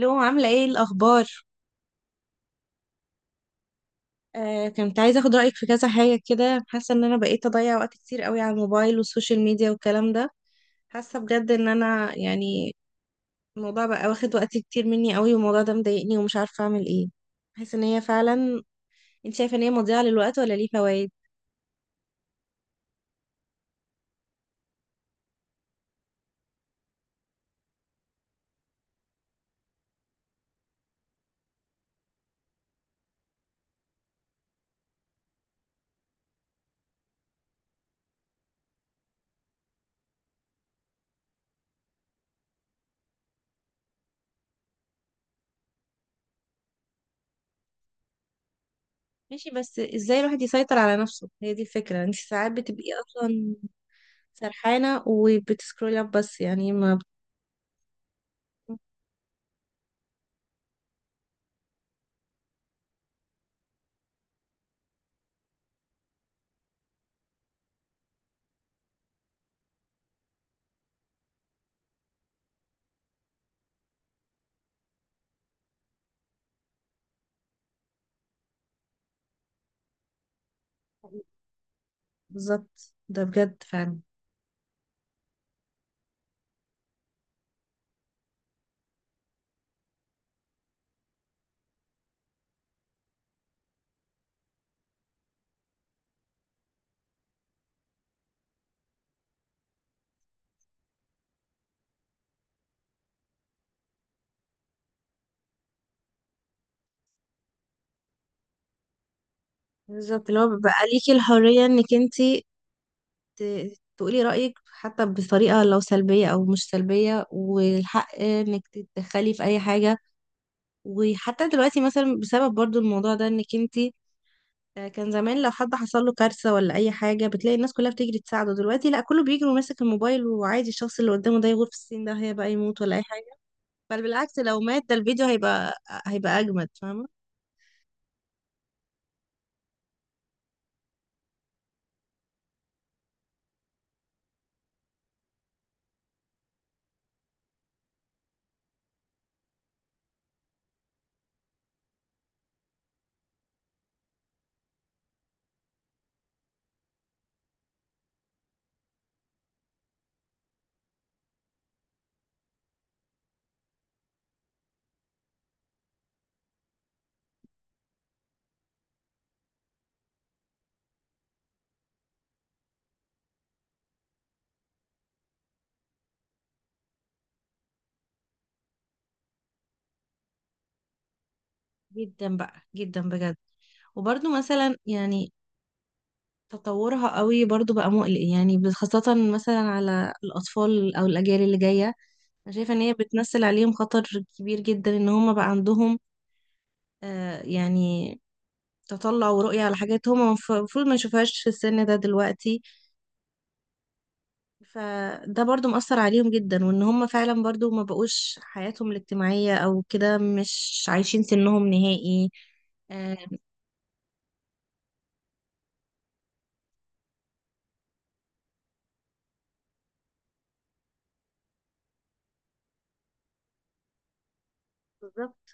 لو عاملة ايه الأخبار؟ آه، كنت عايزة اخد رأيك في كذا حاجة كده. حاسة ان انا بقيت اضيع وقت كتير قوي على الموبايل والسوشيال ميديا والكلام ده. حاسة بجد ان انا الموضوع بقى واخد وقت كتير مني قوي، والموضوع ده مضايقني ومش عارفة اعمل ايه. حاسة ان هي فعلا انت شايفة ان هي مضيعة للوقت ولا ليه فوائد؟ ماشي، بس ازاي الواحد يسيطر على نفسه؟ هي دي الفكرة، انت ساعات بتبقي اصلا سرحانة وبتسكرولي اب بس، يعني ما بالظبط، ده بجد فعلا. بالظبط اللي هو بيبقى ليكي الحرية انك انتي تقولي رأيك، حتى بطريقة لو سلبية او مش سلبية، والحق انك تتدخلي في اي حاجة. وحتى دلوقتي مثلا بسبب برضو الموضوع ده، انك انتي آه، كان زمان لو حد حصل له كارثة ولا اي حاجة بتلاقي الناس كلها بتجري تساعده، دلوقتي لا، كله بيجري وماسك الموبايل، وعادي الشخص اللي قدامه ده يغور في السن ده، هي بقى يموت ولا اي حاجة، بل بالعكس، لو مات ده الفيديو هيبقى هيبقى اجمد، فاهمة؟ جدا بقى، جدا بجد. وبرضو مثلا يعني تطورها قوي برضو بقى مقلق، يعني خاصة مثلا على الأطفال أو الأجيال اللي جاية. أنا شايفة إن هي بتمثل عليهم خطر كبير جدا، إن هما بقى عندهم آه، يعني تطلع ورؤية على حاجات هما المفروض ما يشوفهاش في السن ده دلوقتي. فده برضو مأثر عليهم جدا، وإن هما فعلا برضو ما بقوش حياتهم الاجتماعية أو كده، مش عايشين سنهم نهائي. آه، بالظبط.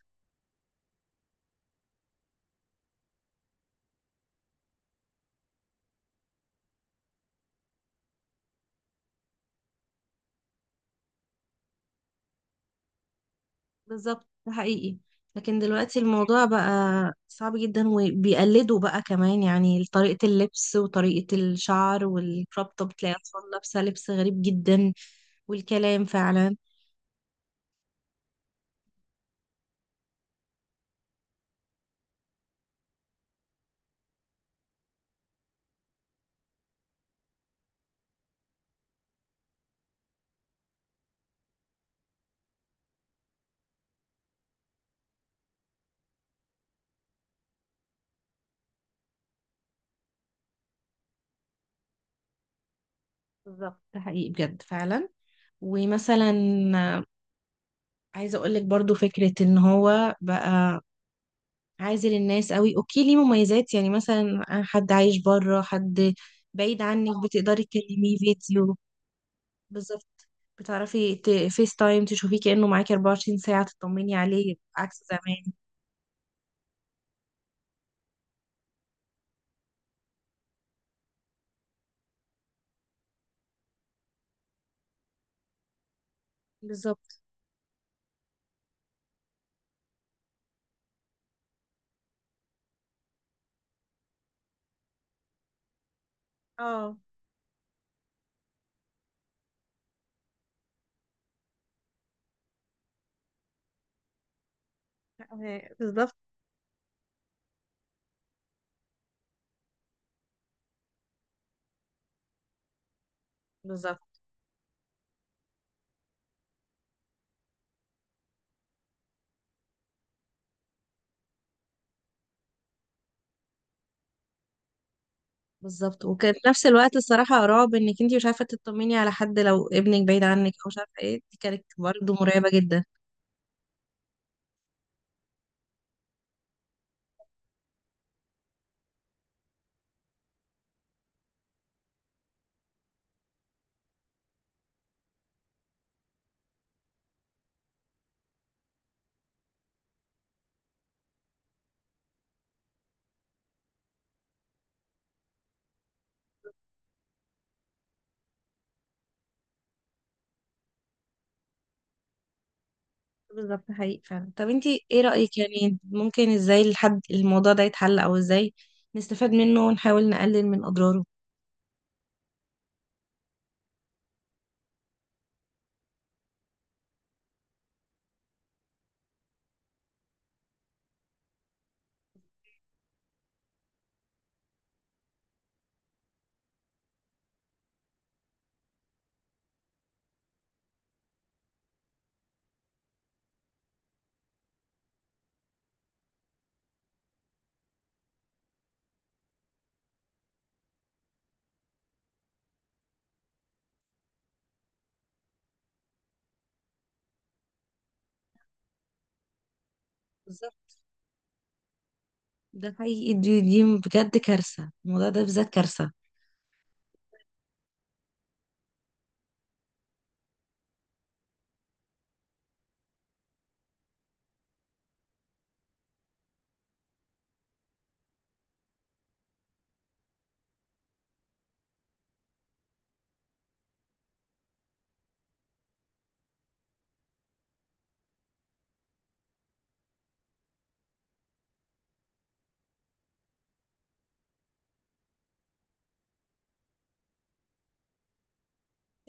بالظبط ده حقيقي. لكن دلوقتي الموضوع بقى صعب جدا، وبيقلدوا بقى كمان يعني طريقة اللبس وطريقة الشعر والكروب توب، تلاقي أطفال لابسة لبس غريب جدا، والكلام فعلا. بالظبط ده حقيقي بجد فعلا. ومثلا عايزة أقولك برضو فكرة إن هو بقى عازل الناس قوي. أوكي ليه مميزات، يعني مثلا حد عايش بره، حد بعيد عنك بتقدري تكلميه فيديو. بالظبط. بتعرفي فيس تايم تشوفيه كأنه معاكي 24 ساعة، تطمني عليه عكس زمان. بالظبط. اه. آه، بالظبط. بالظبط. بالظبط، وكان في نفس الوقت الصراحة رعب انك انتي مش عارفة تطمني على حد، لو ابنك بعيد عنك او مش عارفة ايه، دي كانت برضه مرعبة جدا. بالظبط، حقيقي فعلا. طب انتي ايه رأيك؟ يعني ممكن ازاي الحد الموضوع ده يتحل، او ازاي نستفاد منه ونحاول نقلل من اضراره؟ بالظبط، ده حقيقي. دي بجد كارثة، الموضوع ده بالذات كارثة.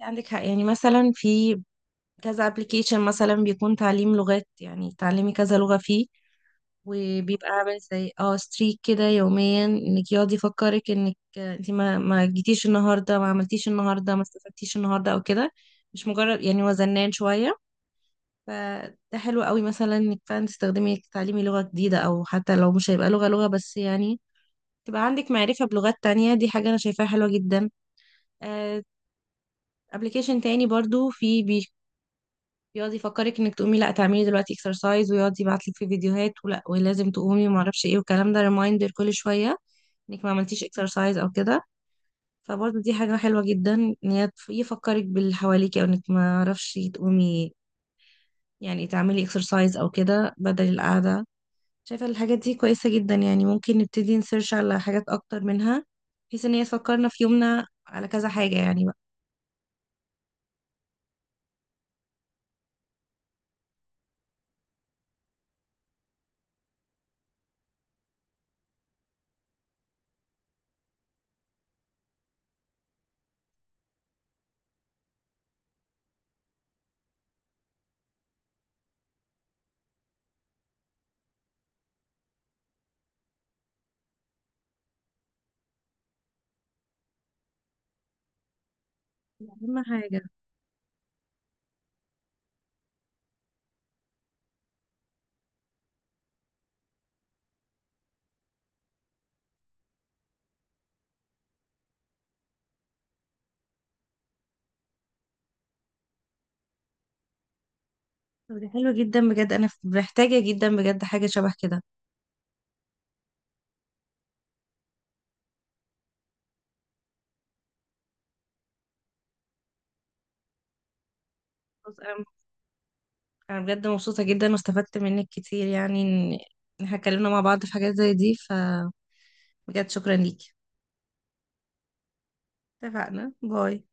عندك حق، يعني مثلا في كذا ابلكيشن مثلا بيكون تعليم لغات، يعني تعلمي كذا لغة فيه، وبيبقى عامل زي اه ستريك كده يوميا، انك يقعد يفكرك انك انت ما جيتيش النهارده، ما عملتيش النهارده، ما استفدتيش النهارده او كده. مش مجرد يعني هو زنان شوية. فده حلو قوي مثلا انك فعلا تستخدمي تعليمي لغة جديدة، او حتى لو مش هيبقى لغة بس، يعني تبقى عندك معرفة بلغات تانية، دي حاجة انا شايفاها حلوة جدا. آه، ابلكيشن تاني برضو في، يقعد يفكرك انك تقومي، لا تعملي دلوقتي اكسرسايز، ويقعد يبعت لك في فيديوهات ولا ولازم تقومي وما اعرفش ايه، والكلام ده ريمايندر كل شويه انك ما عملتيش اكسرسايز او كده. فبرضه دي حاجه حلوه جدا، ان هي يفكرك باللي حواليكي، او انك ما اعرفش تقومي، يعني تعملي اكسرسايز او كده بدل القعده. شايفه الحاجات دي كويسه جدا، يعني ممكن نبتدي نسيرش على حاجات اكتر منها، بحيث ان هي تفكرنا في يومنا على كذا حاجه يعني بقى. دي اهم حاجه. طب دي حلوه جدا بجد، انا محتاجه جدا بجد حاجه شبه كده. خلاص، انا بجد مبسوطة جدا، واستفدت منك كتير، يعني إن احنا اتكلمنا مع بعض في حاجات زي دي، فبجد شكرا ليكي. اتفقنا، باي.